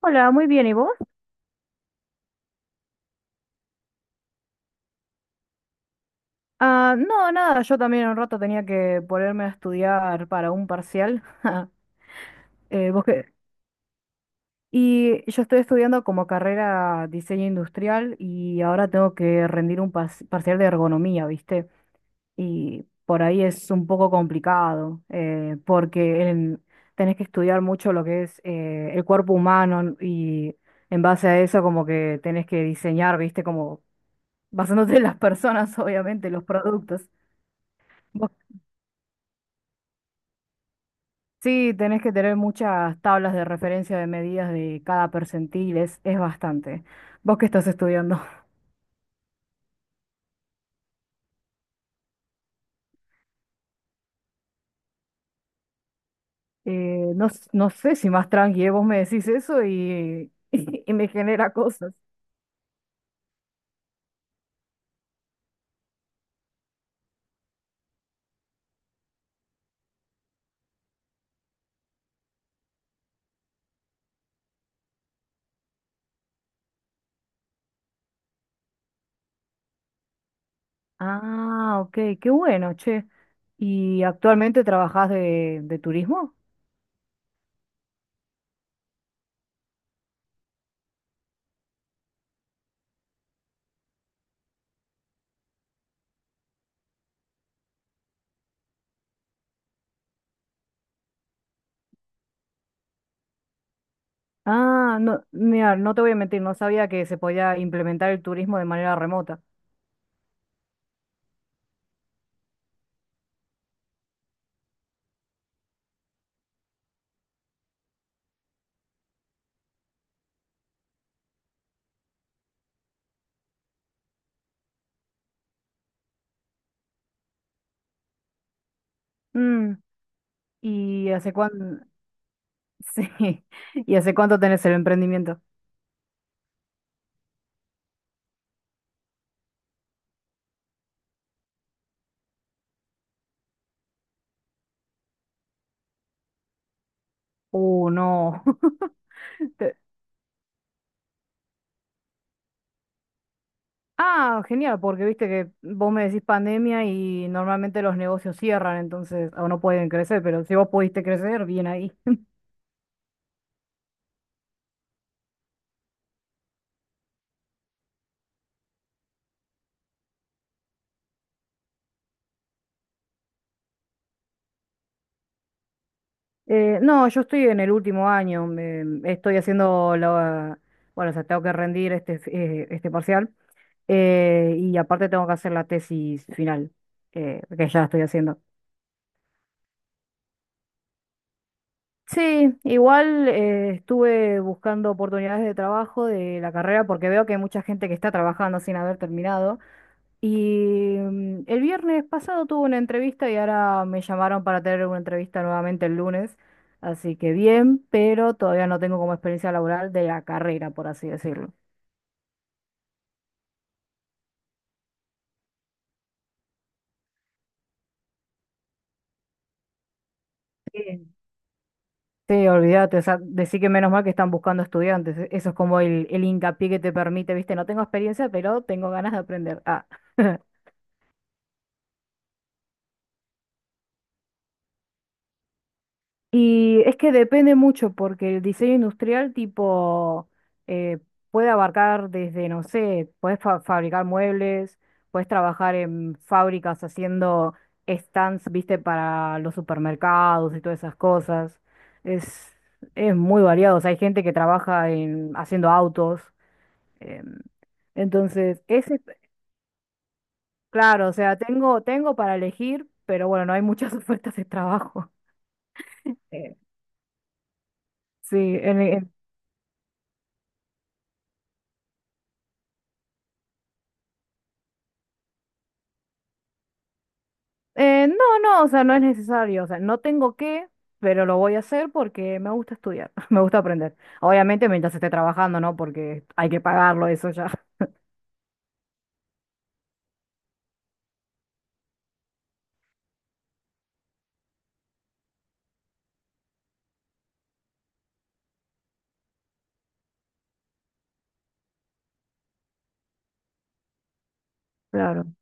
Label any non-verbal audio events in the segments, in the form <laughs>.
Hola, muy bien, ¿y vos? Ah, no, nada, yo también un rato tenía que ponerme a estudiar para un parcial. <laughs> ¿Vos qué? Y yo estoy estudiando como carrera diseño industrial y ahora tengo que rendir un parcial de ergonomía, ¿viste? Y por ahí es un poco complicado, porque tenés que estudiar mucho lo que es el cuerpo humano y en base a eso como que tenés que diseñar, ¿viste? Como basándote en las personas, <laughs> obviamente, los productos. Sí, tenés que tener muchas tablas de referencia de medidas de cada percentil, es bastante. Vos qué estás estudiando. <laughs> No, no sé si más tranqui, ¿eh? Vos me decís eso y, <laughs> y me genera cosas. Ah, ok, qué bueno, che. ¿Y actualmente trabajás de turismo? Ah, no, mira, no te voy a mentir, no sabía que se podía implementar el turismo de manera remota. Mm, ¿y hace cuánto? <laughs> Sí, ¿y hace cuánto tenés el emprendimiento? No. <laughs> Te- Ah, genial, porque viste que vos me decís pandemia y normalmente los negocios cierran, entonces o no pueden crecer, pero si vos pudiste crecer, bien ahí. No, yo estoy en el último año, estoy haciendo la... Bueno, o sea, tengo que rendir este, este parcial y aparte tengo que hacer la tesis final, que ya estoy haciendo. Sí, igual estuve buscando oportunidades de trabajo de la carrera porque veo que hay mucha gente que está trabajando sin haber terminado. Y mm, el viernes pasado tuve una entrevista y ahora me llamaron para tener una entrevista nuevamente el lunes. Así que bien, pero todavía no tengo como experiencia laboral de la carrera, por así decirlo. Bien. Sí, olvídate, o sea, decir que menos mal que están buscando estudiantes. Eso es como el hincapié que te permite, viste, no tengo experiencia, pero tengo ganas de aprender. Ah. <laughs> Y es que depende mucho, porque el diseño industrial tipo eh, puede abarcar desde, no sé, puedes fabricar muebles, puedes trabajar en fábricas haciendo stands, viste, para los supermercados y todas esas cosas. Es, es muy variado. O sea, hay gente que trabaja en, haciendo autos. em, entonces, ese, claro, o sea, tengo para elegir, pero bueno, no hay muchas <laughs> ofertas de trabajo. Eh, Sí, en, eh, no, no, o sea, no es necesario, o sea, no tengo que, pero lo voy a hacer porque me gusta estudiar, <laughs> me gusta aprender. Obviamente mientras esté trabajando, ¿no? Porque hay que pagarlo eso ya. <laughs> Claro.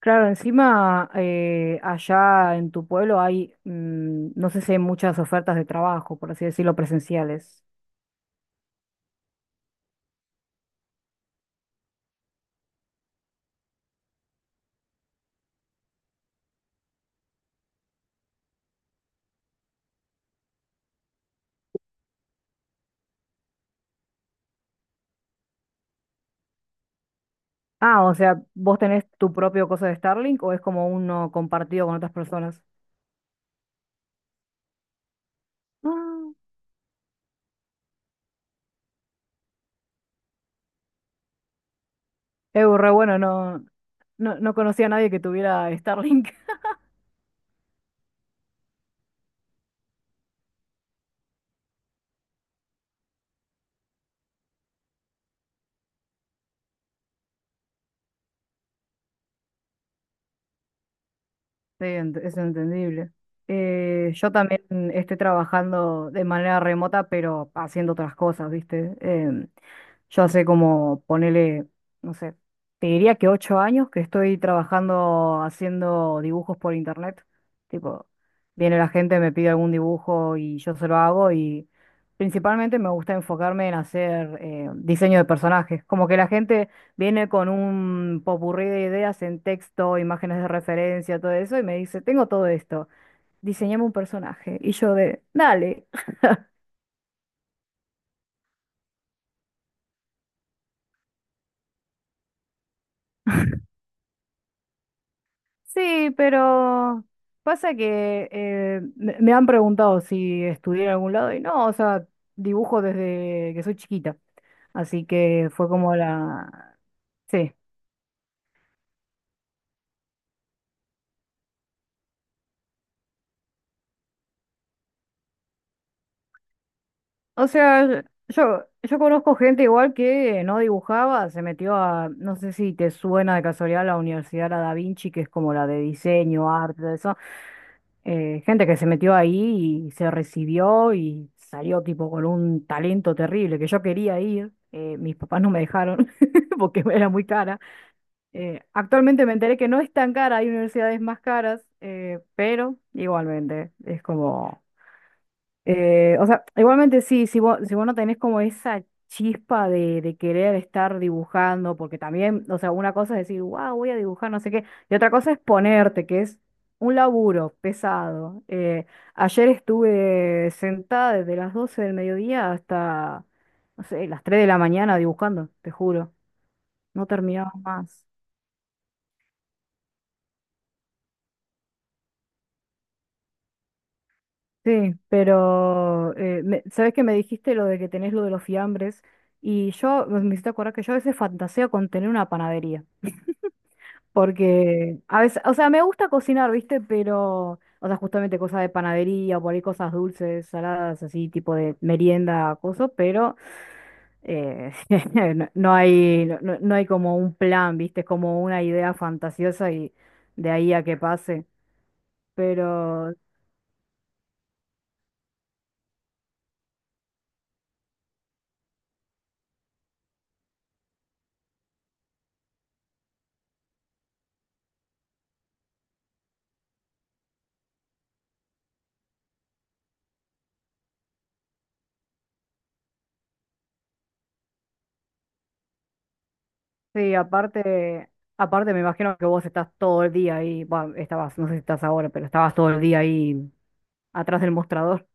Claro, encima allá en tu pueblo hay, mm, no sé si hay muchas ofertas de trabajo, por así decirlo, presenciales. Ah, o sea, ¿vos tenés tu propio cosa de Starlink o es como uno compartido con otras personas? Ah, re bueno, no, no, no conocía a nadie que tuviera Starlink. Sí, es entendible. Yo también estoy trabajando de manera remota, pero haciendo otras cosas, ¿viste? Em, yo hace como, ponele, no sé, te diría que 8 años que estoy trabajando haciendo dibujos por internet. Tipo, viene la gente, me pide algún dibujo y yo se lo hago y principalmente me gusta enfocarme en hacer diseño de personajes. Como que la gente viene con un popurrí de ideas en texto, imágenes de referencia, todo eso, y me dice, tengo todo esto, diseñame un personaje. Y yo de, dale, sí, pero pasa que me han preguntado si estudié en algún lado y no, o sea, dibujo desde que soy chiquita. Así que fue como la... Sí. O sea, yo conozco gente igual que no dibujaba, se metió a, no sé si te suena de casualidad la Universidad La Da Vinci, que es como la de diseño, arte, todo eso. Gente que se metió ahí y se recibió y salió tipo con un talento terrible, que yo quería ir, mis papás no me dejaron <laughs> porque era muy cara. Actualmente me enteré que no es tan cara, hay universidades más caras, pero igualmente es como... o sea, igualmente sí, si vos no tenés como esa chispa de querer estar dibujando, porque también, o sea, una cosa es decir, wow, voy a dibujar, no sé qué, y otra cosa es ponerte, que es un laburo pesado. Ayer estuve sentada desde las 12 del mediodía hasta, no sé, las 3 de la mañana dibujando, te juro, no terminaba más. Sí, pero sabes que me dijiste lo de que tenés lo de los fiambres y yo me hiciste acordar que yo a veces fantaseo con tener una panadería, porque a veces, o sea, me gusta cocinar, ¿viste? Pero, o sea, justamente cosas de panadería, por ahí cosas dulces, saladas, así, tipo de merienda, cosas, pero eh, <laughs> no, no hay, no, no hay como un plan, ¿viste? Es como una idea fantasiosa y de ahí a que pase. Pero sí, aparte, aparte me imagino que vos estás todo el día ahí, bah, estabas, no sé si estás ahora, pero estabas todo el día ahí atrás del mostrador.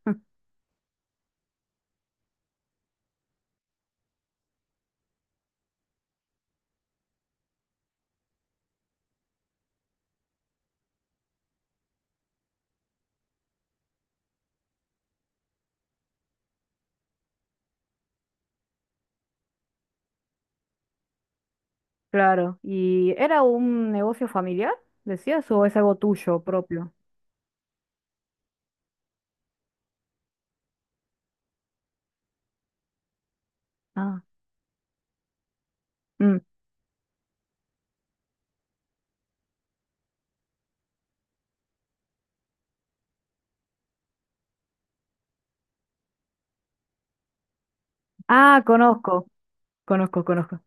Claro. ¿Y era un negocio familiar, decías, o es algo tuyo propio? Ah, mm. Ah, conozco, conozco, conozco.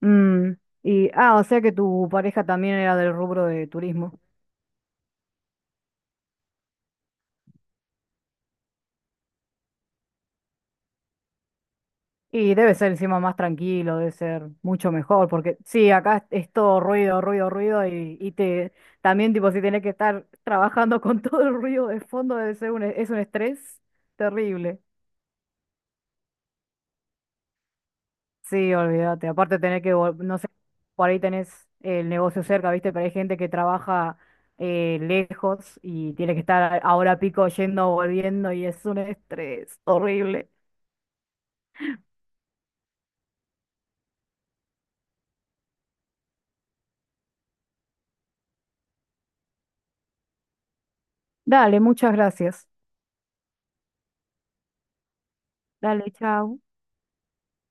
Mm, y, ah, o sea que tu pareja también era del rubro de turismo. Y debe ser encima más tranquilo, debe ser mucho mejor, porque sí, acá es todo ruido, ruido, ruido, y te también tipo si tenés que estar trabajando <laughs> con todo el ruido de fondo, debe ser un, es un estrés terrible. Sí, olvídate. Aparte tener que, no sé, por ahí tenés el negocio cerca, ¿viste? Pero hay gente que trabaja lejos y tiene que estar a hora pico yendo, volviendo, y es un estrés horrible. Dale, muchas gracias. Dale, chao.